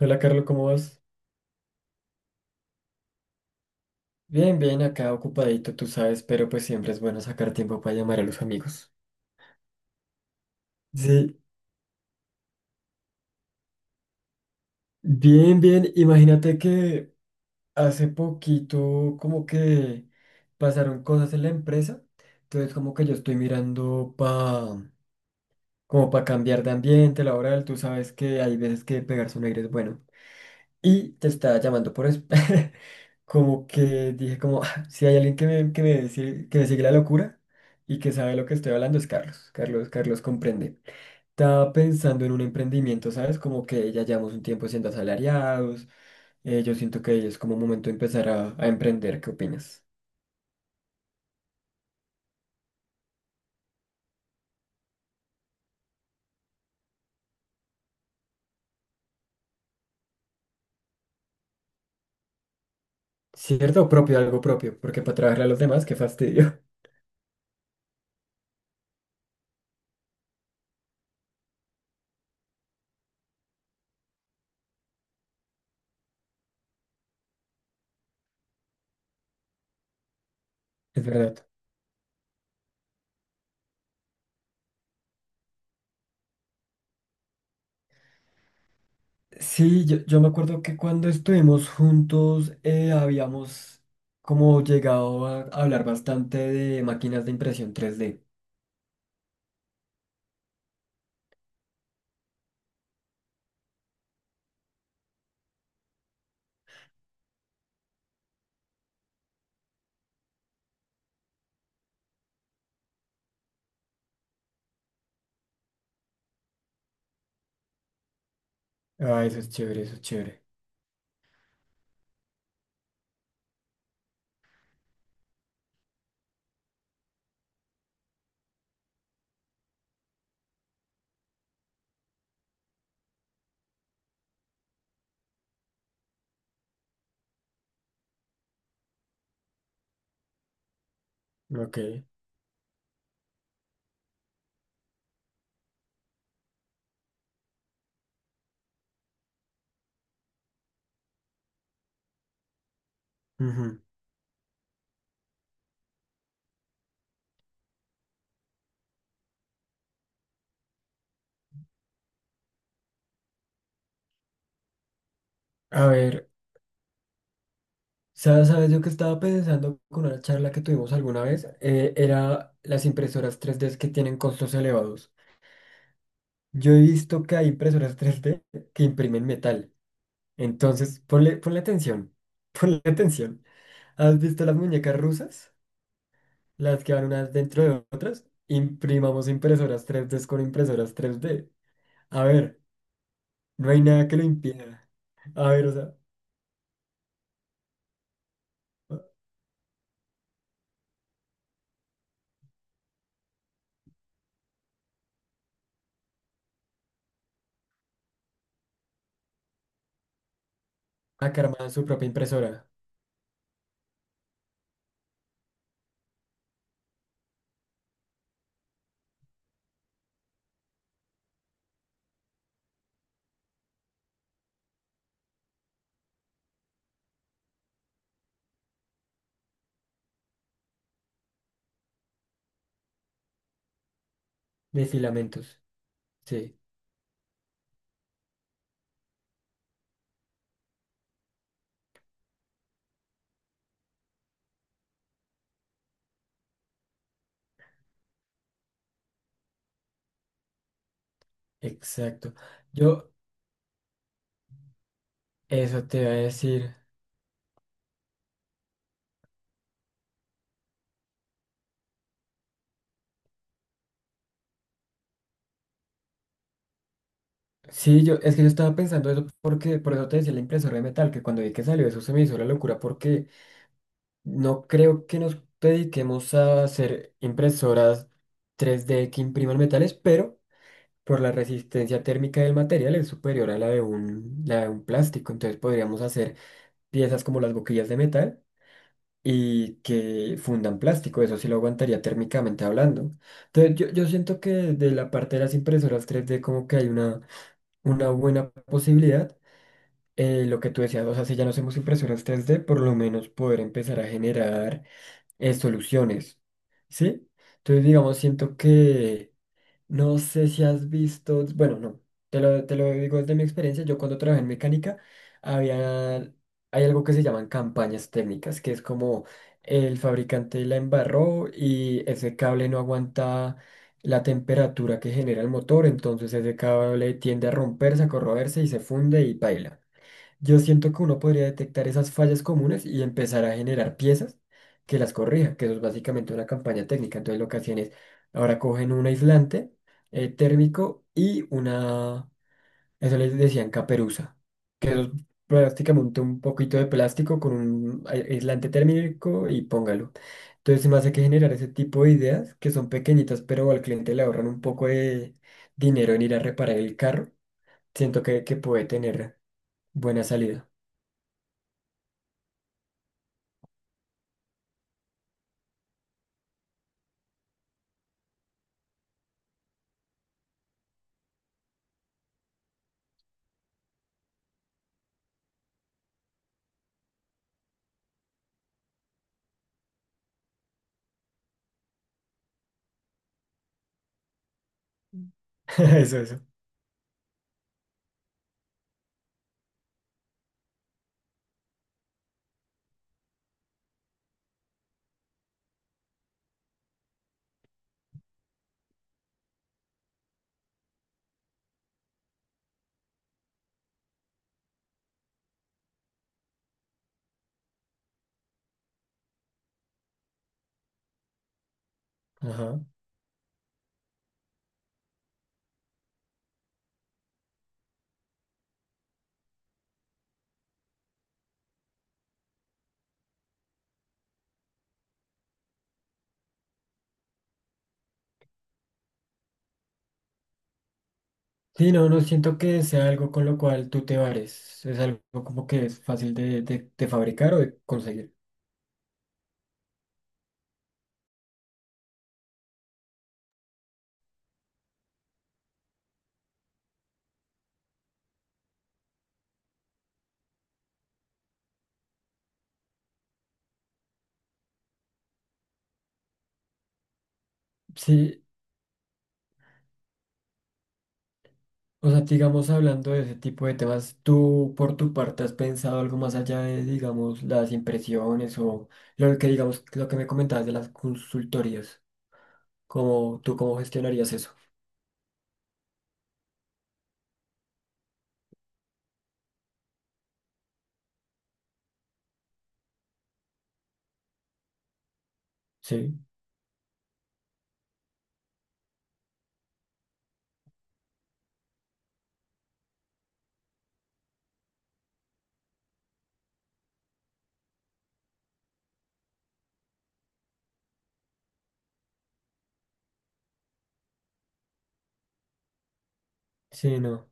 Hola Carlos, ¿cómo vas? Bien, bien, acá ocupadito, tú sabes, pero pues siempre es bueno sacar tiempo para llamar a los amigos. Sí, bien, bien. Imagínate que hace poquito como que pasaron cosas en la empresa, entonces como que yo estoy mirando pa, como para cambiar de ambiente laboral, tú sabes que hay veces que pegarse un aire es bueno. Y te estaba llamando por eso. Como que dije, como, "Ah, si hay alguien que me sigue la locura y que sabe lo que estoy hablando, es Carlos. Carlos comprende. Estaba pensando en un emprendimiento, ¿sabes? Como que ya llevamos un tiempo siendo asalariados. Yo siento que es como momento de empezar a emprender. ¿Qué opinas? ¿Cierto? Propio, algo propio. Porque para trabajar a los demás, qué fastidio. Es verdad. Sí, yo me acuerdo que cuando estuvimos juntos habíamos como llegado a hablar bastante de máquinas de impresión 3D. Ah, eso es chévere, eso es chévere. Ok. Ujú. A ver, ¿sabes yo que estaba pensando con una charla que tuvimos alguna vez? Era las impresoras 3D que tienen costos elevados. Yo he visto que hay impresoras 3D que imprimen metal. Entonces, ponle atención, ponle atención. ¿Has visto las muñecas rusas? Las que van unas dentro de otras, imprimamos impresoras tres d con impresoras tres d. A ver, no hay nada que lo impida. A ver, o sea, acarman su propia impresora de filamentos. Sí, exacto. Yo, eso te iba a decir. Sí, yo, es que yo estaba pensando eso porque, por eso te decía la impresora de metal, que cuando vi que salió eso se me hizo la locura porque no creo que nos dediquemos a hacer impresoras tres d que impriman metales, pero por la resistencia térmica del material es superior a la de un plástico. Entonces podríamos hacer piezas como las boquillas de metal y que fundan plástico. Eso sí lo aguantaría térmicamente hablando. Entonces yo siento que de la parte de las impresoras 3D como que hay una buena posibilidad. Lo que tú decías, o sea, si ya no hacemos impresoras 3D, por lo menos poder empezar a generar soluciones. ¿Sí? Entonces, digamos, siento que no sé si has visto, bueno, no, te lo digo desde mi experiencia, yo cuando trabajé en mecánica, había, hay algo que se llaman campañas técnicas, que es como el fabricante la embarró y ese cable no aguanta la temperatura que genera el motor, entonces ese cable tiende a romperse, a corroerse y se funde y baila. Yo siento que uno podría detectar esas fallas comunes y empezar a generar piezas que las corrija, que eso es básicamente una campaña técnica. Entonces lo que hacían es, ahora cogen un aislante térmico y una, eso les decían caperuza, que eso es prácticamente un poquito de plástico con un aislante térmico y póngalo. Entonces se me hace que generar ese tipo de ideas que son pequeñitas, pero al cliente le ahorran un poco de dinero en ir a reparar el carro. Siento que puede tener buena salida. Eso, eso. Ajá. Sí, no, no siento que sea algo con lo cual tú te vares. Es algo como que es fácil de, de fabricar o de conseguir. Sí, o sea, digamos, hablando de ese tipo de temas, ¿tú por tu parte has pensado algo más allá de, digamos, las impresiones o lo que, digamos, lo que me comentabas de las consultorías? ¿Cómo, tú cómo gestionarías eso? Sí, sí, no.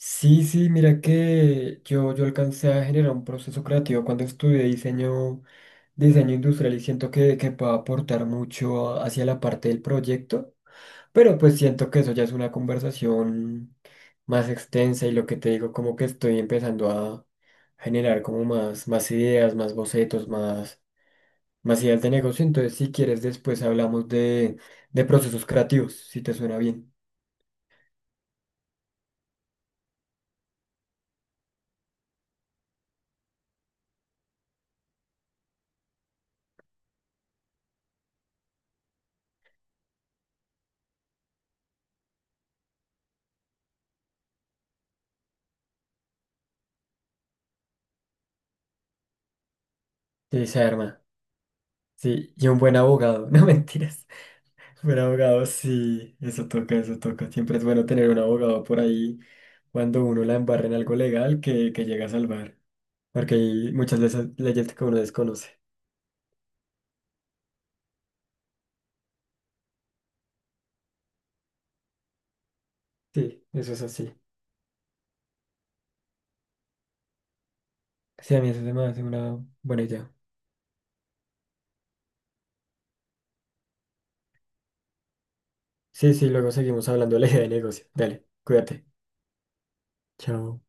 Sí, sí, mira que yo alcancé a generar un proceso creativo cuando estudié diseño industrial y siento que puedo aportar mucho hacia la parte del proyecto, pero pues siento que eso ya es una conversación más extensa y lo que te digo, como que estoy empezando a generar como más, más ideas, más bocetos, más, más ideas de negocio, entonces si quieres después hablamos de procesos creativos, si te suena bien. Sí, se arma. Sí, y un buen abogado, no mentiras. Un abogado, sí, eso toca, eso toca. Siempre es bueno tener un abogado por ahí cuando uno la embarra en algo legal que llega a salvar. Porque hay muchas veces leyes que uno desconoce. Sí, eso es así. Sí, a mí eso se me hace una buena idea. Sí, sí, luego seguimos hablando de la idea de negocio. Dale, cuídate. Chao.